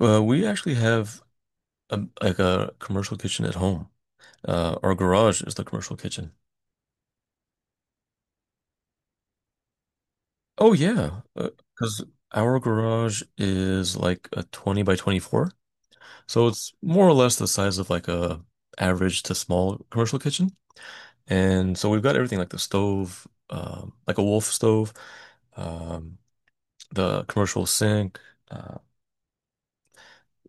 We actually have a, like a commercial kitchen at home. Our garage is the commercial kitchen. Oh yeah, because our garage is like a 20 by 24. So it's more or less the size of like a average to small commercial kitchen. And so we've got everything like the stove, like a Wolf stove, um, the commercial sink, uh,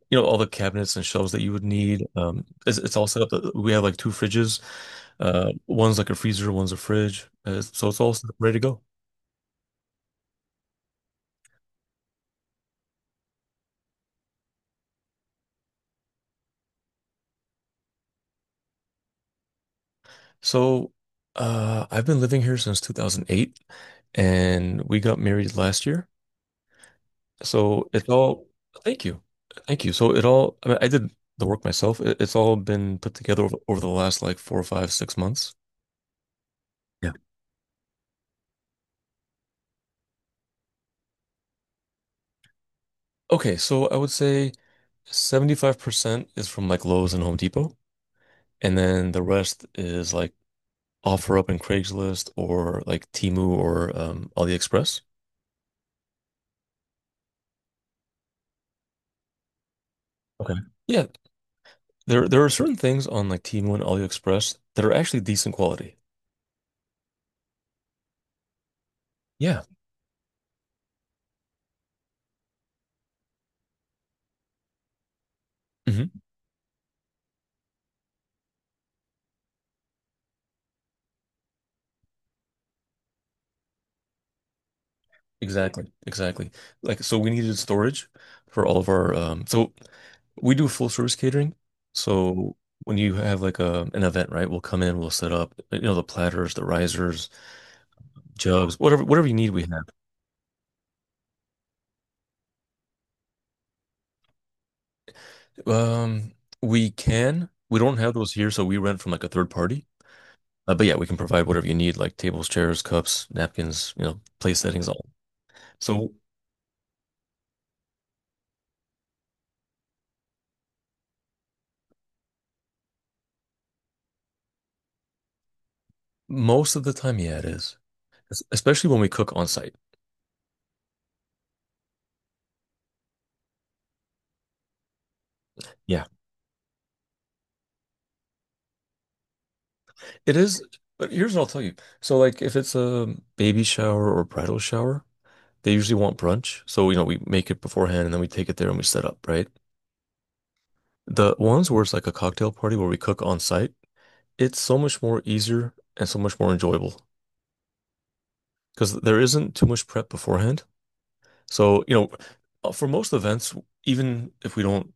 you know, all the cabinets and shelves that you would need. It's all set up. We have like two fridges. One's like a freezer, one's a fridge. So it's all set up, ready to go. So, I've been living here since 2008, and we got married last year. So it's all, thank you. Thank you. So it all, I mean, I did the work myself. It's all been put together over the last like four or five, 6 months. Yeah. Okay, so I would say 75% is from like Lowe's and Home Depot, and then the rest is like offer up in Craigslist or like Temu or AliExpress. Okay. Yeah, there are certain things on like Temu and AliExpress that are actually decent quality. Yeah. Hmm. Exactly. Exactly. Like so we needed storage for all of our, so we do full service catering. So when you have like a an event, right, we'll come in, we'll set up, you know, the platters, the risers, jugs, whatever you need, we have. Um, we can. We don't have those here, so we rent from like a third party. But yeah, we can provide whatever you need, like tables, chairs, cups, napkins, you know, place settings, all. So most of the time, yeah, it is. Especially when we cook on site. Yeah, it is. But here's what I'll tell you. So like if it's a baby shower or bridal shower, they usually want brunch. So, you know, we make it beforehand and then we take it there and we set up, right? The ones where it's like a cocktail party where we cook on site, it's so much more easier and so much more enjoyable because there isn't too much prep beforehand. So, you know, for most events, even if we don't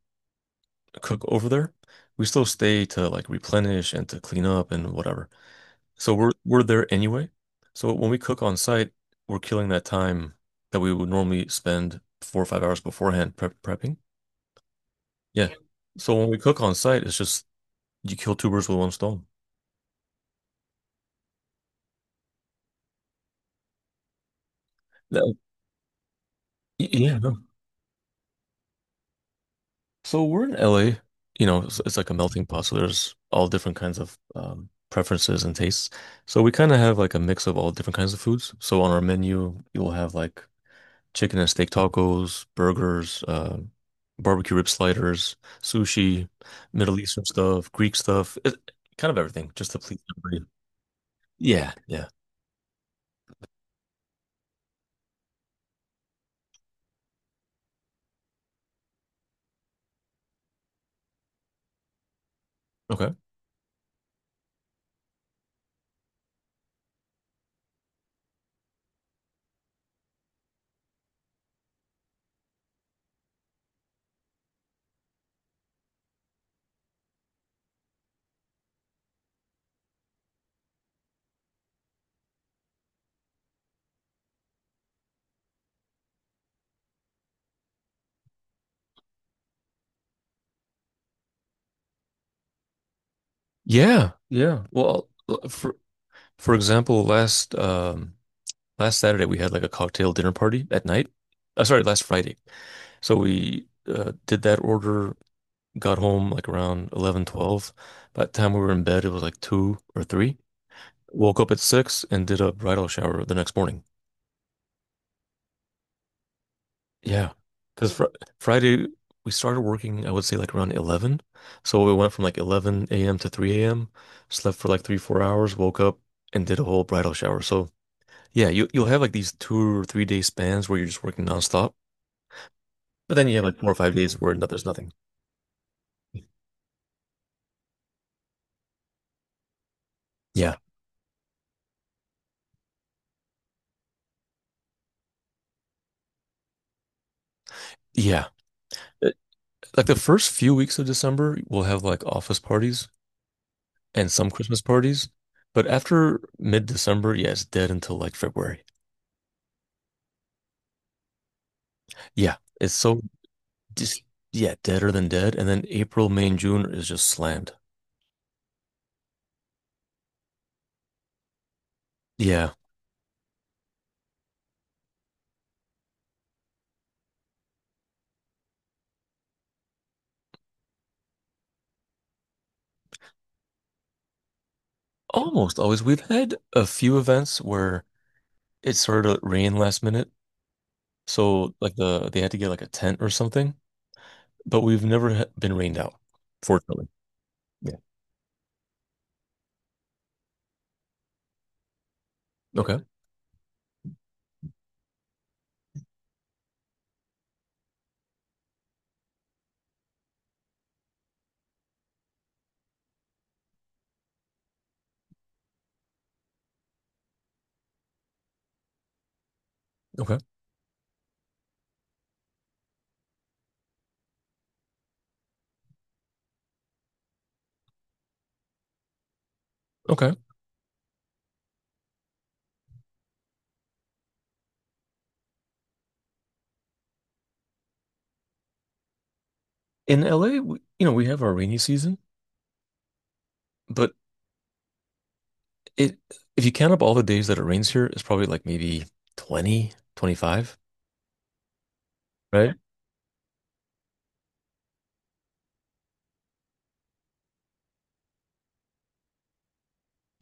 cook over there, we still stay to like replenish and to clean up and whatever. So we're there anyway. So when we cook on site, we're killing that time that we would normally spend 4 or 5 hours beforehand prepping. Yeah. So when we cook on site, it's just you kill two birds with one stone. That- yeah. No. So we're in LA, you know, it's like a melting pot. So there's all different kinds of preferences and tastes. So we kind of have like a mix of all different kinds of foods. So on our menu, you'll have like chicken and steak tacos, burgers, barbecue rib sliders, sushi, Middle Eastern stuff, Greek stuff, it, kind of everything, just to please everybody. Yeah, yeah. Okay. Yeah, yeah. Well, for example, last Saturday we had like a cocktail dinner party at night. Sorry, last Friday. So we did that order, got home like around 11, 12. By the time we were in bed, it was like two or three. Woke up at six and did a bridal shower the next morning. Yeah. Because fr Friday, we started working, I would say like around 11. So we went from like 11 a.m. to 3 a.m., slept for like three, 4 hours, woke up and did a whole bridal shower. So yeah, you'll have like these 2 or 3 day spans where you're just working nonstop. But then you have like 4 or 5 days where no, there's nothing. Yeah. Yeah. Like the first few weeks of December, we'll have like office parties and some Christmas parties. But after mid-December, yeah, it's dead until like February. Yeah, it's so just yeah, deader than dead. And then April, May, and June is just slammed. Yeah, almost always. We've had a few events where it started to rain last minute, so like they had to get like a tent or something. But we've never been rained out, fortunately. Yeah. Okay. Okay. Okay. In LA, we have our rainy season. But it if you count up all the days that it rains here, it's probably like maybe 20, 25, right?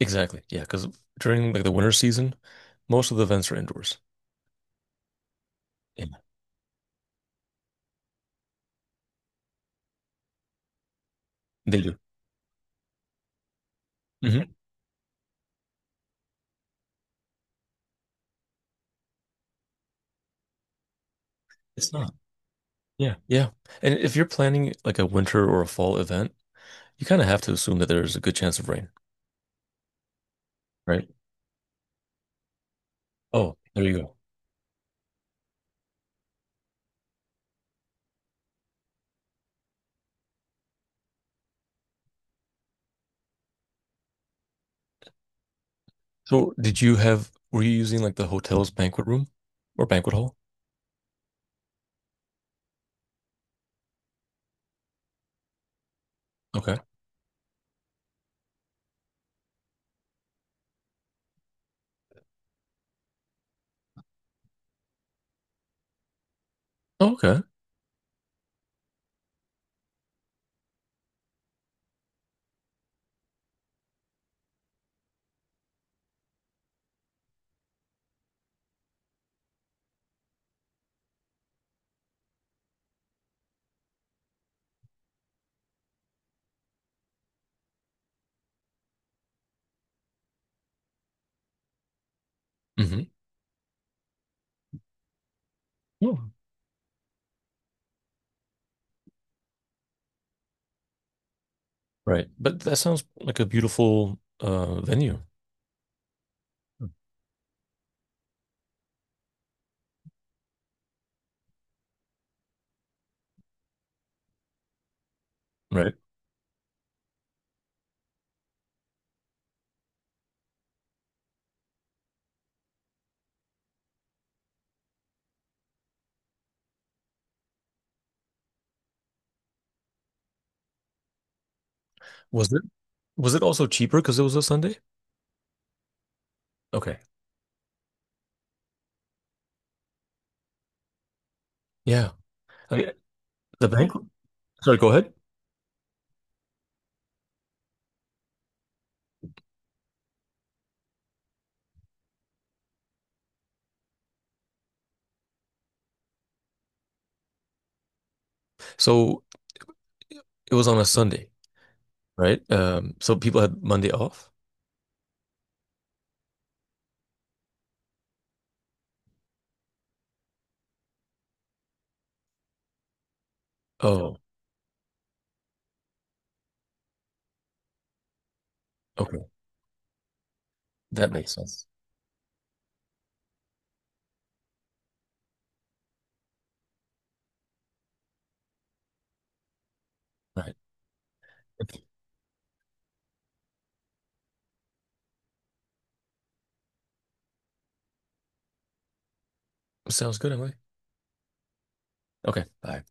Exactly. Yeah, because during like the winter season, most of the events are indoors. Yeah, they do. Hmm. It's not. Yeah, yeah. And if you're planning like a winter or a fall event, you kind of have to assume that there's a good chance of rain, right? Oh, there you go. So did you have, were you using like the hotel's banquet room or banquet hall? Okay. Oh, okay. Hmm. Oh. Right. But that sounds like a beautiful venue, right? Was it was it also cheaper because it was a Sunday? Okay. Yeah. I mean, the bank. Sorry, go ahead. So it was on a Sunday, right? So people had Monday off. Oh, okay. That makes sense. Right. Sounds good, Emily. Okay. Bye.